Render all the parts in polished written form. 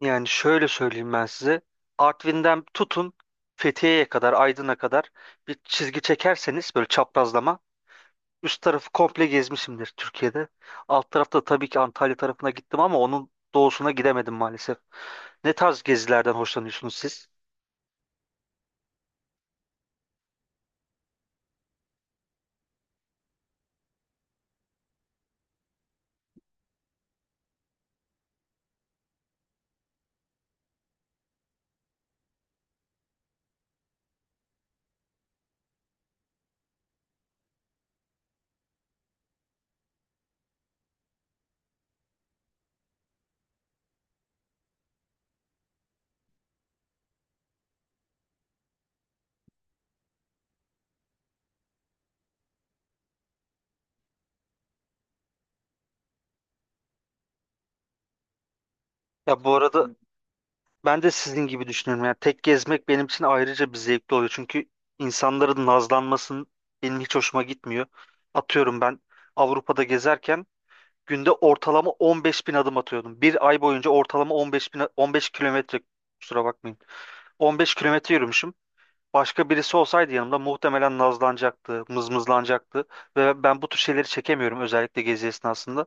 Yani şöyle söyleyeyim ben size. Artvin'den tutun Fethiye'ye kadar, Aydın'a kadar bir çizgi çekerseniz böyle çaprazlama üst tarafı komple gezmişimdir Türkiye'de. Alt tarafta tabii ki Antalya tarafına gittim ama onun doğusuna gidemedim maalesef. Ne tarz gezilerden hoşlanıyorsunuz siz? Ya bu arada ben de sizin gibi düşünüyorum. Yani tek gezmek benim için ayrıca bir zevkli oluyor. Çünkü insanların nazlanmasının benim hiç hoşuma gitmiyor. Atıyorum ben Avrupa'da gezerken günde ortalama 15 bin adım atıyordum. Bir ay boyunca ortalama 15 bin, 15 kilometre kusura bakmayın. 15 kilometre yürümüşüm. Başka birisi olsaydı yanımda muhtemelen nazlanacaktı, mızmızlanacaktı. Ve ben bu tür şeyleri çekemiyorum özellikle gezi esnasında.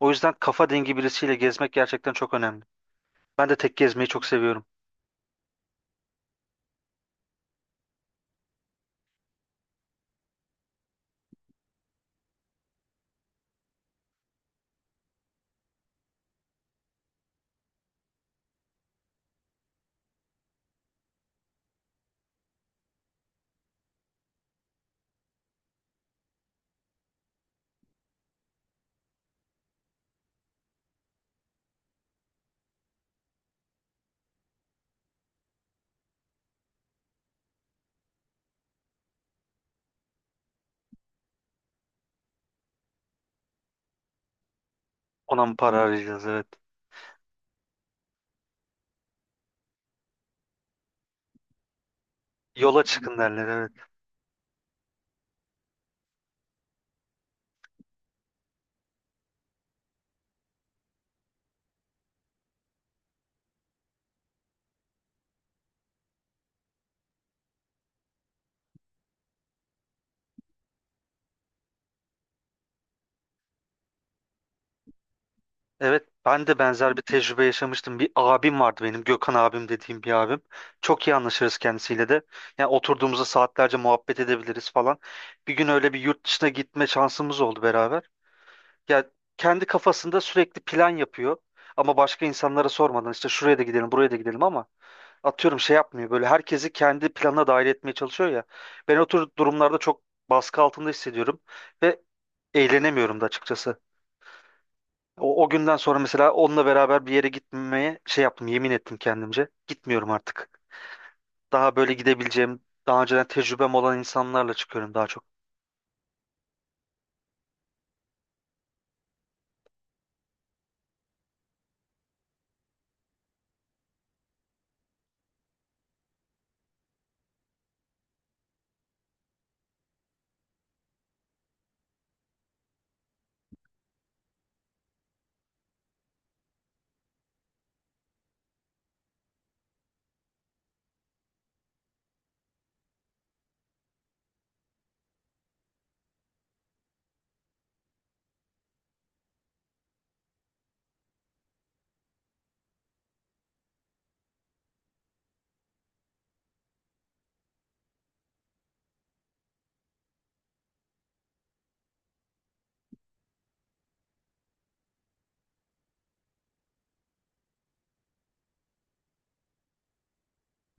O yüzden kafa dengi birisiyle gezmek gerçekten çok önemli. Ben de tek gezmeyi çok seviyorum. Ona mı para arayacağız? Evet. Yola çıkın derler. Evet. Evet, ben de benzer bir tecrübe yaşamıştım. Bir abim vardı benim, Gökhan abim dediğim bir abim. Çok iyi anlaşırız kendisiyle de. Yani oturduğumuzda saatlerce muhabbet edebiliriz falan. Bir gün öyle bir yurt dışına gitme şansımız oldu beraber. Ya kendi kafasında sürekli plan yapıyor. Ama başka insanlara sormadan işte şuraya da gidelim, buraya da gidelim ama atıyorum şey yapmıyor. Böyle herkesi kendi planına dahil etmeye çalışıyor ya. Ben o tür durumlarda çok baskı altında hissediyorum ve eğlenemiyorum da açıkçası. O günden sonra mesela onunla beraber bir yere gitmemeye şey yaptım, yemin ettim kendimce. Gitmiyorum artık. Daha böyle gidebileceğim, daha önceden tecrübem olan insanlarla çıkıyorum daha çok.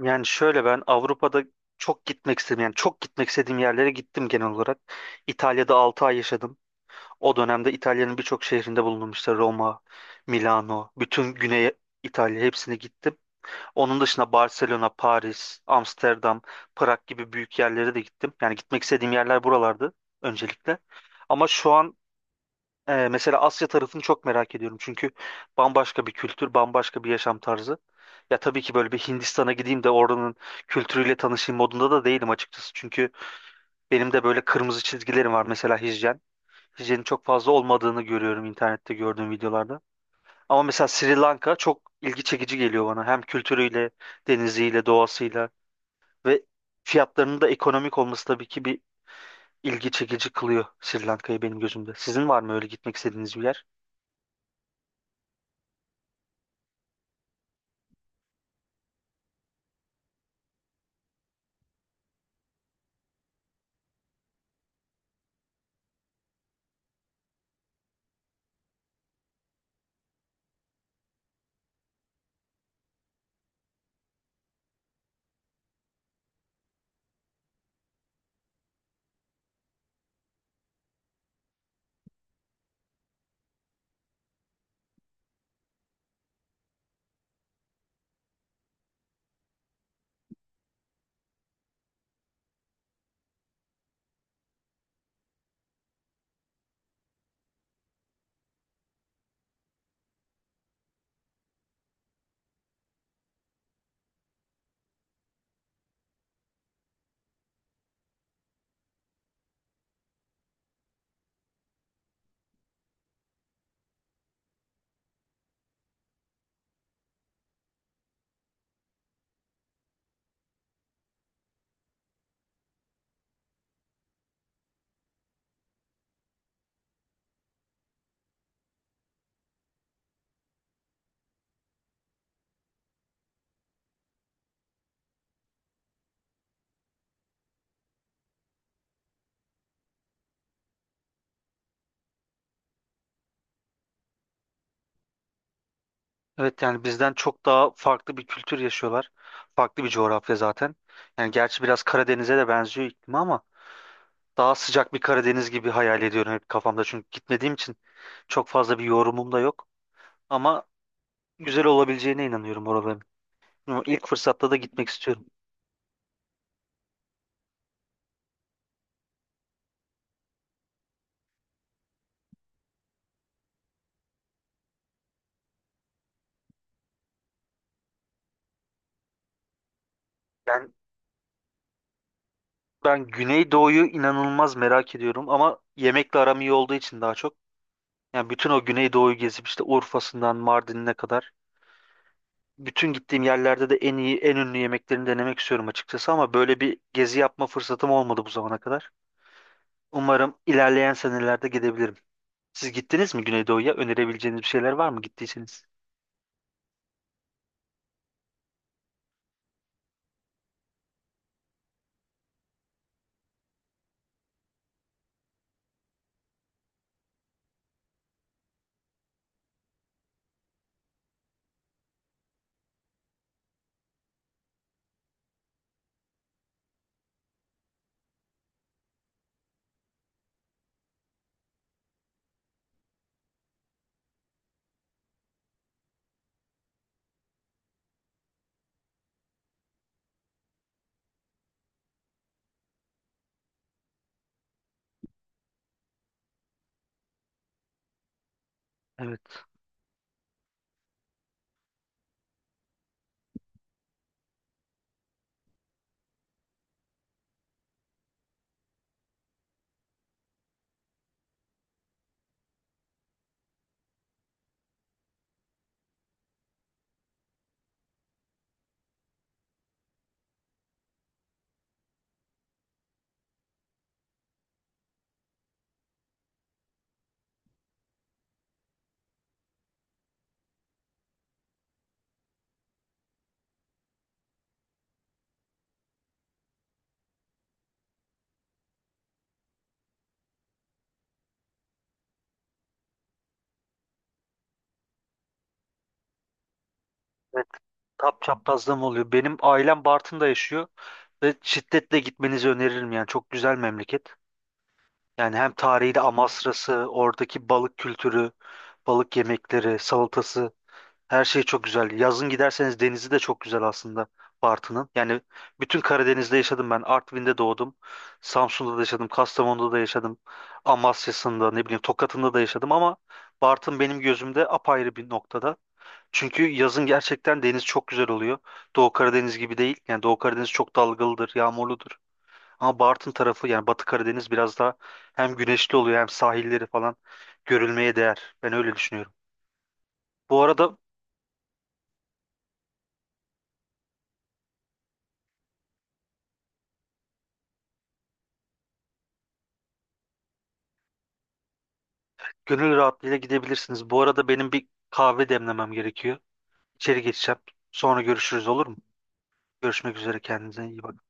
Yani şöyle ben Avrupa'da çok gitmek istedim. Yani çok gitmek istediğim yerlere gittim genel olarak. İtalya'da 6 ay yaşadım. O dönemde İtalya'nın birçok şehrinde bulundum. İşte Roma, Milano, bütün Güney İtalya hepsine gittim. Onun dışında Barcelona, Paris, Amsterdam, Prag gibi büyük yerlere de gittim. Yani gitmek istediğim yerler buralardı öncelikle. Ama şu an mesela Asya tarafını çok merak ediyorum. Çünkü bambaşka bir kültür, bambaşka bir yaşam tarzı. Ya tabii ki böyle bir Hindistan'a gideyim de oranın kültürüyle tanışayım modunda da değilim açıkçası. Çünkü benim de böyle kırmızı çizgilerim var. Mesela hijyen. Hijyenin çok fazla olmadığını görüyorum internette gördüğüm videolarda. Ama mesela Sri Lanka çok ilgi çekici geliyor bana. Hem kültürüyle, deniziyle, doğasıyla. Ve fiyatlarının da ekonomik olması tabii ki bir ilgi çekici kılıyor Sri Lanka'yı benim gözümde. Sizin var mı öyle gitmek istediğiniz bir yer? Evet yani bizden çok daha farklı bir kültür yaşıyorlar. Farklı bir coğrafya zaten. Yani gerçi biraz Karadeniz'e de benziyor iklimi ama daha sıcak bir Karadeniz gibi hayal ediyorum hep kafamda. Çünkü gitmediğim için çok fazla bir yorumum da yok. Ama güzel olabileceğine inanıyorum oraların. Ama İlk fırsatta da gitmek istiyorum. Ben, ben Güneydoğu'yu inanılmaz merak ediyorum ama yemekle aram iyi olduğu için daha çok. Yani bütün o Güneydoğu'yu gezip işte Urfa'sından Mardin'ine kadar bütün gittiğim yerlerde de en iyi, en ünlü yemeklerini denemek istiyorum açıkçası ama böyle bir gezi yapma fırsatım olmadı bu zamana kadar. Umarım ilerleyen senelerde gidebilirim. Siz gittiniz mi Güneydoğu'ya? Önerebileceğiniz bir şeyler var mı gittiyseniz? Evet. Evet. Tap çaprazlığım oluyor. Benim ailem Bartın'da yaşıyor ve şiddetle gitmenizi öneririm yani. Çok güzel memleket. Yani hem tarihi de Amasra'sı, oradaki balık kültürü, balık yemekleri, salatası, her şey çok güzel. Yazın giderseniz denizi de çok güzel aslında Bartın'ın. Yani bütün Karadeniz'de yaşadım ben. Artvin'de doğdum. Samsun'da da yaşadım. Kastamonu'da da yaşadım. Amasya'sında ne bileyim Tokat'ında da yaşadım ama Bartın benim gözümde apayrı bir noktada. Çünkü yazın gerçekten deniz çok güzel oluyor. Doğu Karadeniz gibi değil. Yani Doğu Karadeniz çok dalgalıdır, yağmurludur. Ama Bartın tarafı yani Batı Karadeniz biraz daha hem güneşli oluyor hem sahilleri falan görülmeye değer. Ben öyle düşünüyorum. Bu arada gönül rahatlığıyla gidebilirsiniz. Bu arada benim bir kahve demlemem gerekiyor. İçeri geçeceğim. Sonra görüşürüz, olur mu? Görüşmek üzere, kendinize iyi bakın.